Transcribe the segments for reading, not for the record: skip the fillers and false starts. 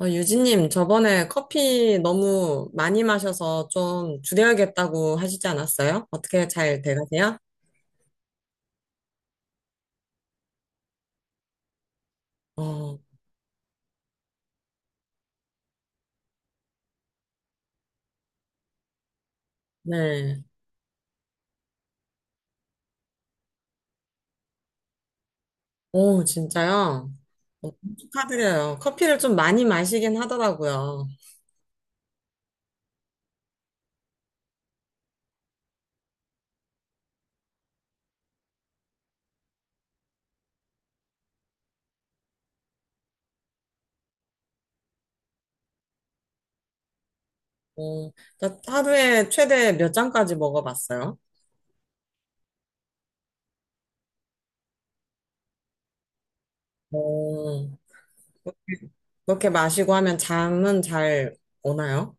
유진님, 저번에 커피 너무 많이 마셔서 좀 줄여야겠다고 하시지 않았어요? 어떻게 잘 돼가세요? 어, 네. 오, 진짜요? 어, 축하드려요. 커피를 좀 많이 마시긴 하더라고요. 어, 나 하루에 최대 몇 잔까지 먹어봤어요? 어, 그렇게 마시고 하면 잠은 잘 오나요?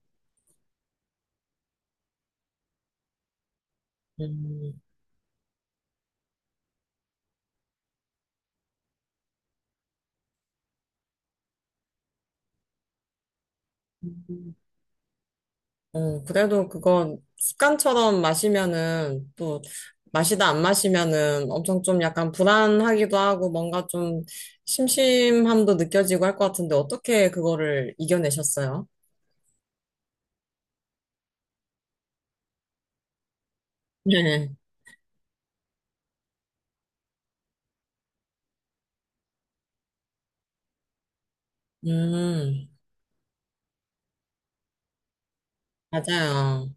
음. 그래도 그건 습관처럼 마시면은 또 마시다 안 마시면은 엄청 좀 약간 불안하기도 하고 뭔가 좀 심심함도 느껴지고 할 것 같은데 어떻게 그거를 이겨내셨어요? 네. 음, 맞아요.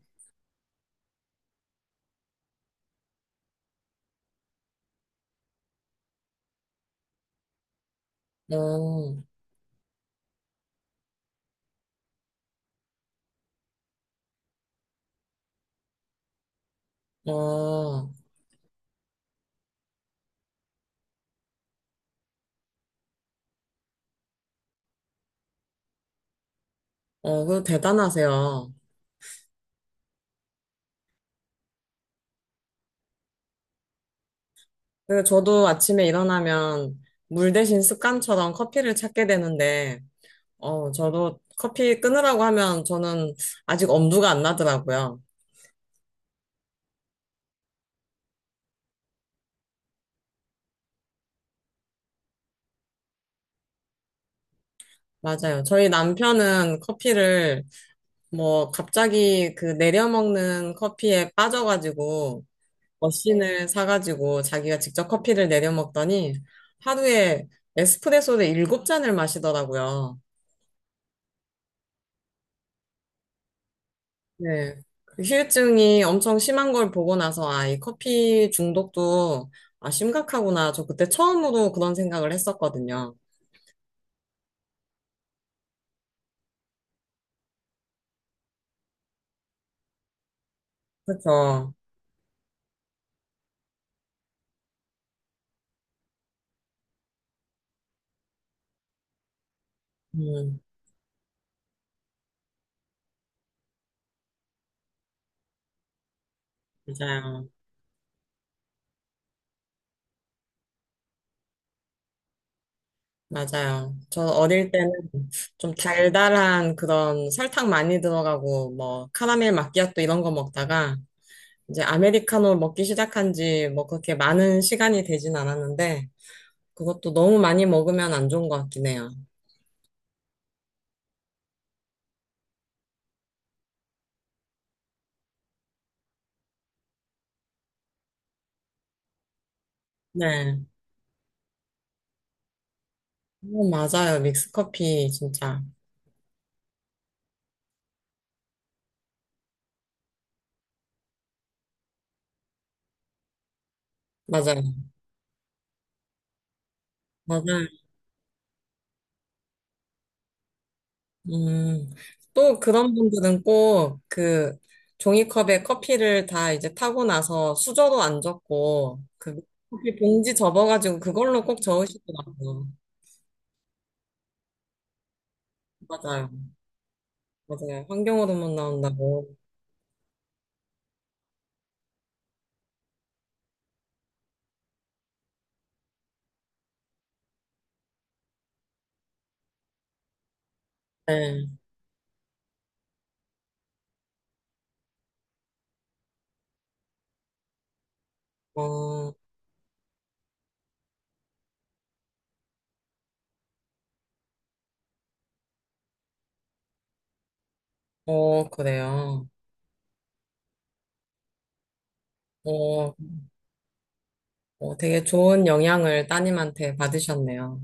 어, 어, 그 대단하세요. 그 저도 아침에 일어나면 물 대신 습관처럼 커피를 찾게 되는데, 저도 커피 끊으라고 하면 저는 아직 엄두가 안 나더라고요. 맞아요. 저희 남편은 커피를 뭐 갑자기 그 내려먹는 커피에 빠져가지고 머신을 사가지고 자기가 직접 커피를 내려먹더니 하루에 에스프레소를 일곱 잔을 마시더라고요. 네. 그 후유증이 엄청 심한 걸 보고 나서 아, 이 커피 중독도 아, 심각하구나. 저 그때 처음으로 그런 생각을 했었거든요. 그렇죠. 음, 맞아요. 맞아요. 저 어릴 때는 좀 달달한 그런 설탕 많이 들어가고 뭐 카라멜 마끼아또 이런 거 먹다가 이제 아메리카노 먹기 시작한 지 뭐 그렇게 많은 시간이 되진 않았는데 그것도 너무 많이 먹으면 안 좋은 것 같긴 해요. 네. 맞아요. 믹스커피 진짜. 맞아요. 맞아요. 음. 또 그런 분들은 꼭 그 종이컵에 커피를 다 이제 타고 나서 수저로 안 젓고 그 커피 봉지 접어가지고 그걸로 꼭 저으시더라고요. 맞아요. 맞아요. 환경으로만 나온다고. 네. 어, 그래요. 어, 되게 좋은 영향을 따님한테 받으셨네요.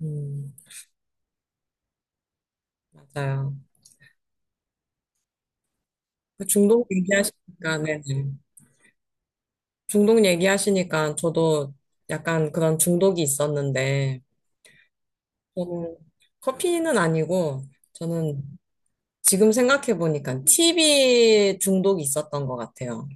음, 맞아요. 그 중독 얘기하시니까, 네. 네. 중독 얘기하시니까 저도 약간 그런 중독이 있었는데, 저는 커피는 아니고, 저는 지금 생각해보니까 TV 중독이 있었던 것 같아요.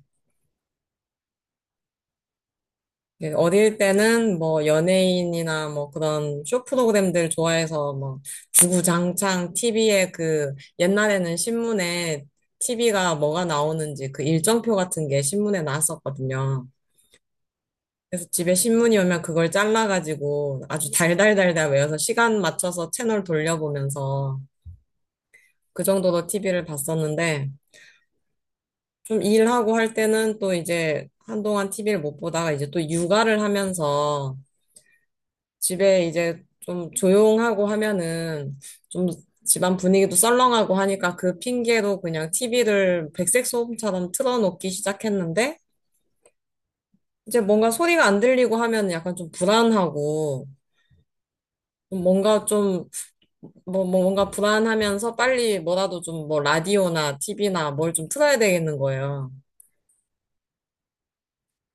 예, 어릴 때는 뭐 연예인이나 뭐 그런 쇼 프로그램들 좋아해서 뭐 주구장창 TV에 그 옛날에는 신문에 TV가 뭐가 나오는지 그 일정표 같은 게 신문에 나왔었거든요. 그래서 집에 신문이 오면 그걸 잘라가지고 아주 달달달달 외워서 시간 맞춰서 채널 돌려보면서 그 정도로 TV를 봤었는데 좀 일하고 할 때는 또 이제 한동안 TV를 못 보다가 이제 또 육아를 하면서 집에 이제 좀 조용하고 하면은 좀 집안 분위기도 썰렁하고 하니까 그 핑계로 그냥 TV를 백색 소음처럼 틀어놓기 시작했는데 이제 뭔가 소리가 안 들리고 하면 약간 좀 불안하고 좀 뭔가 좀 뭐 뭔가 불안하면서 빨리 뭐라도 좀 뭐 라디오나 TV나 뭘 좀 틀어야 되겠는 거예요.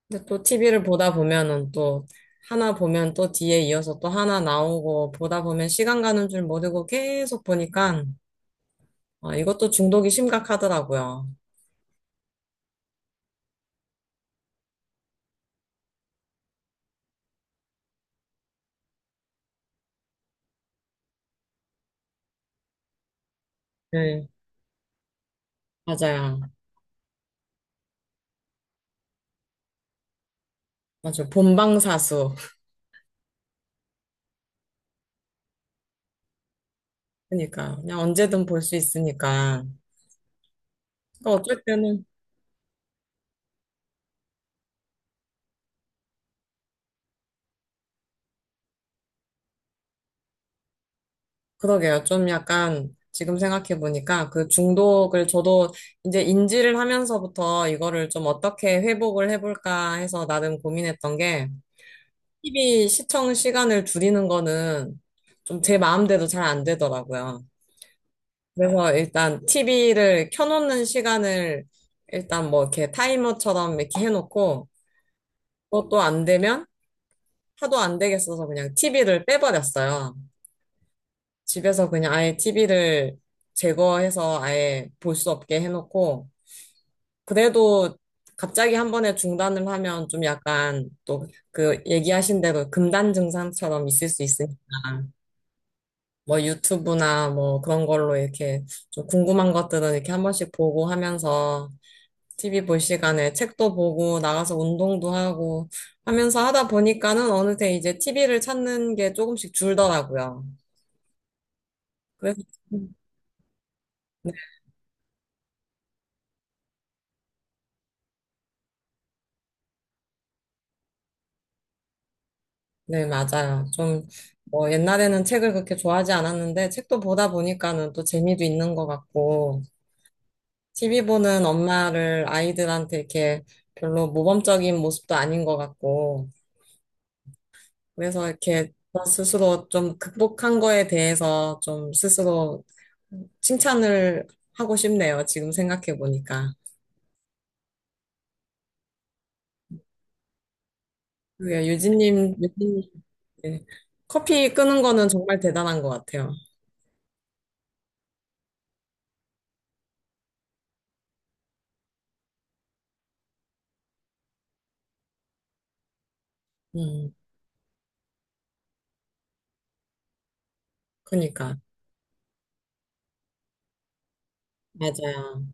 근데 또 TV를 보다 보면은 또 하나 보면 또 뒤에 이어서 또 하나 나오고 보다 보면 시간 가는 줄 모르고 계속 보니까 아, 이것도 중독이 심각하더라고요. 네, 맞아요. 맞아요. 본방사수. 그러니까 그냥 언제든 볼 수 있으니까. 그러니까 어쩔 때는 그러게요. 좀 약간 지금 생각해 보니까 그 중독을 저도 이제 인지를 하면서부터 이거를 좀 어떻게 회복을 해볼까 해서 나름 고민했던 게 TV 시청 시간을 줄이는 거는 좀 제 마음대로 잘 안 되더라고요. 그래서 일단 TV를 켜놓는 시간을 일단 뭐 이렇게 타이머처럼 이렇게 해놓고 그것도 안 되면 하도 안 되겠어서 그냥 TV를 빼버렸어요. 집에서 그냥 아예 TV를 제거해서 아예 볼 수 없게 해놓고 그래도 갑자기 한 번에 중단을 하면 좀 약간 또 그 얘기하신 대로 금단 증상처럼 있을 수 있으니까 뭐 유튜브나 뭐 그런 걸로 이렇게 좀 궁금한 것들은 이렇게 한 번씩 보고 하면서 TV 볼 시간에 책도 보고 나가서 운동도 하고 하면서 하다 보니까는 어느새 이제 TV를 찾는 게 조금씩 줄더라고요. 그래서. 네, 맞아요. 좀 뭐 옛날에는 책을 그렇게 좋아하지 않았는데 책도 보다 보니까는 또 재미도 있는 것 같고 TV 보는 엄마를 아이들한테 이렇게 별로 모범적인 모습도 아닌 것 같고 그래서 이렇게 저 스스로 좀 극복한 거에 대해서 좀 스스로 칭찬을 하고 싶네요. 지금 생각해 보니까. 그게 유진님, 네. 커피 끄는 거는 정말 대단한 것 같아요. 음, 그니까. 맞아요.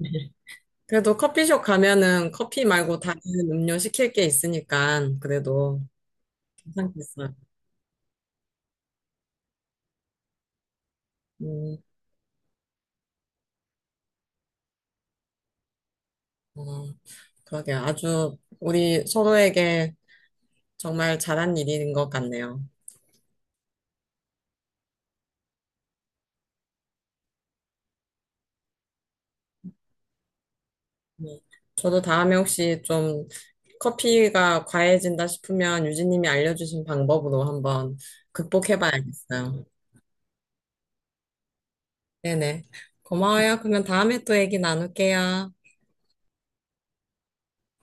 그래도 커피숍 가면은 커피 말고 다른 음료 시킬 게 있으니까 그래도 괜찮겠어요. 음, 어, 그러게요. 아주 우리 서로에게 정말 잘한 일인 것 같네요. 네. 저도 다음에 혹시 좀 커피가 과해진다 싶으면 유진님이 알려주신 방법으로 한번 극복해봐야겠어요. 네네. 고마워요. 그러면 다음에 또 얘기 나눌게요.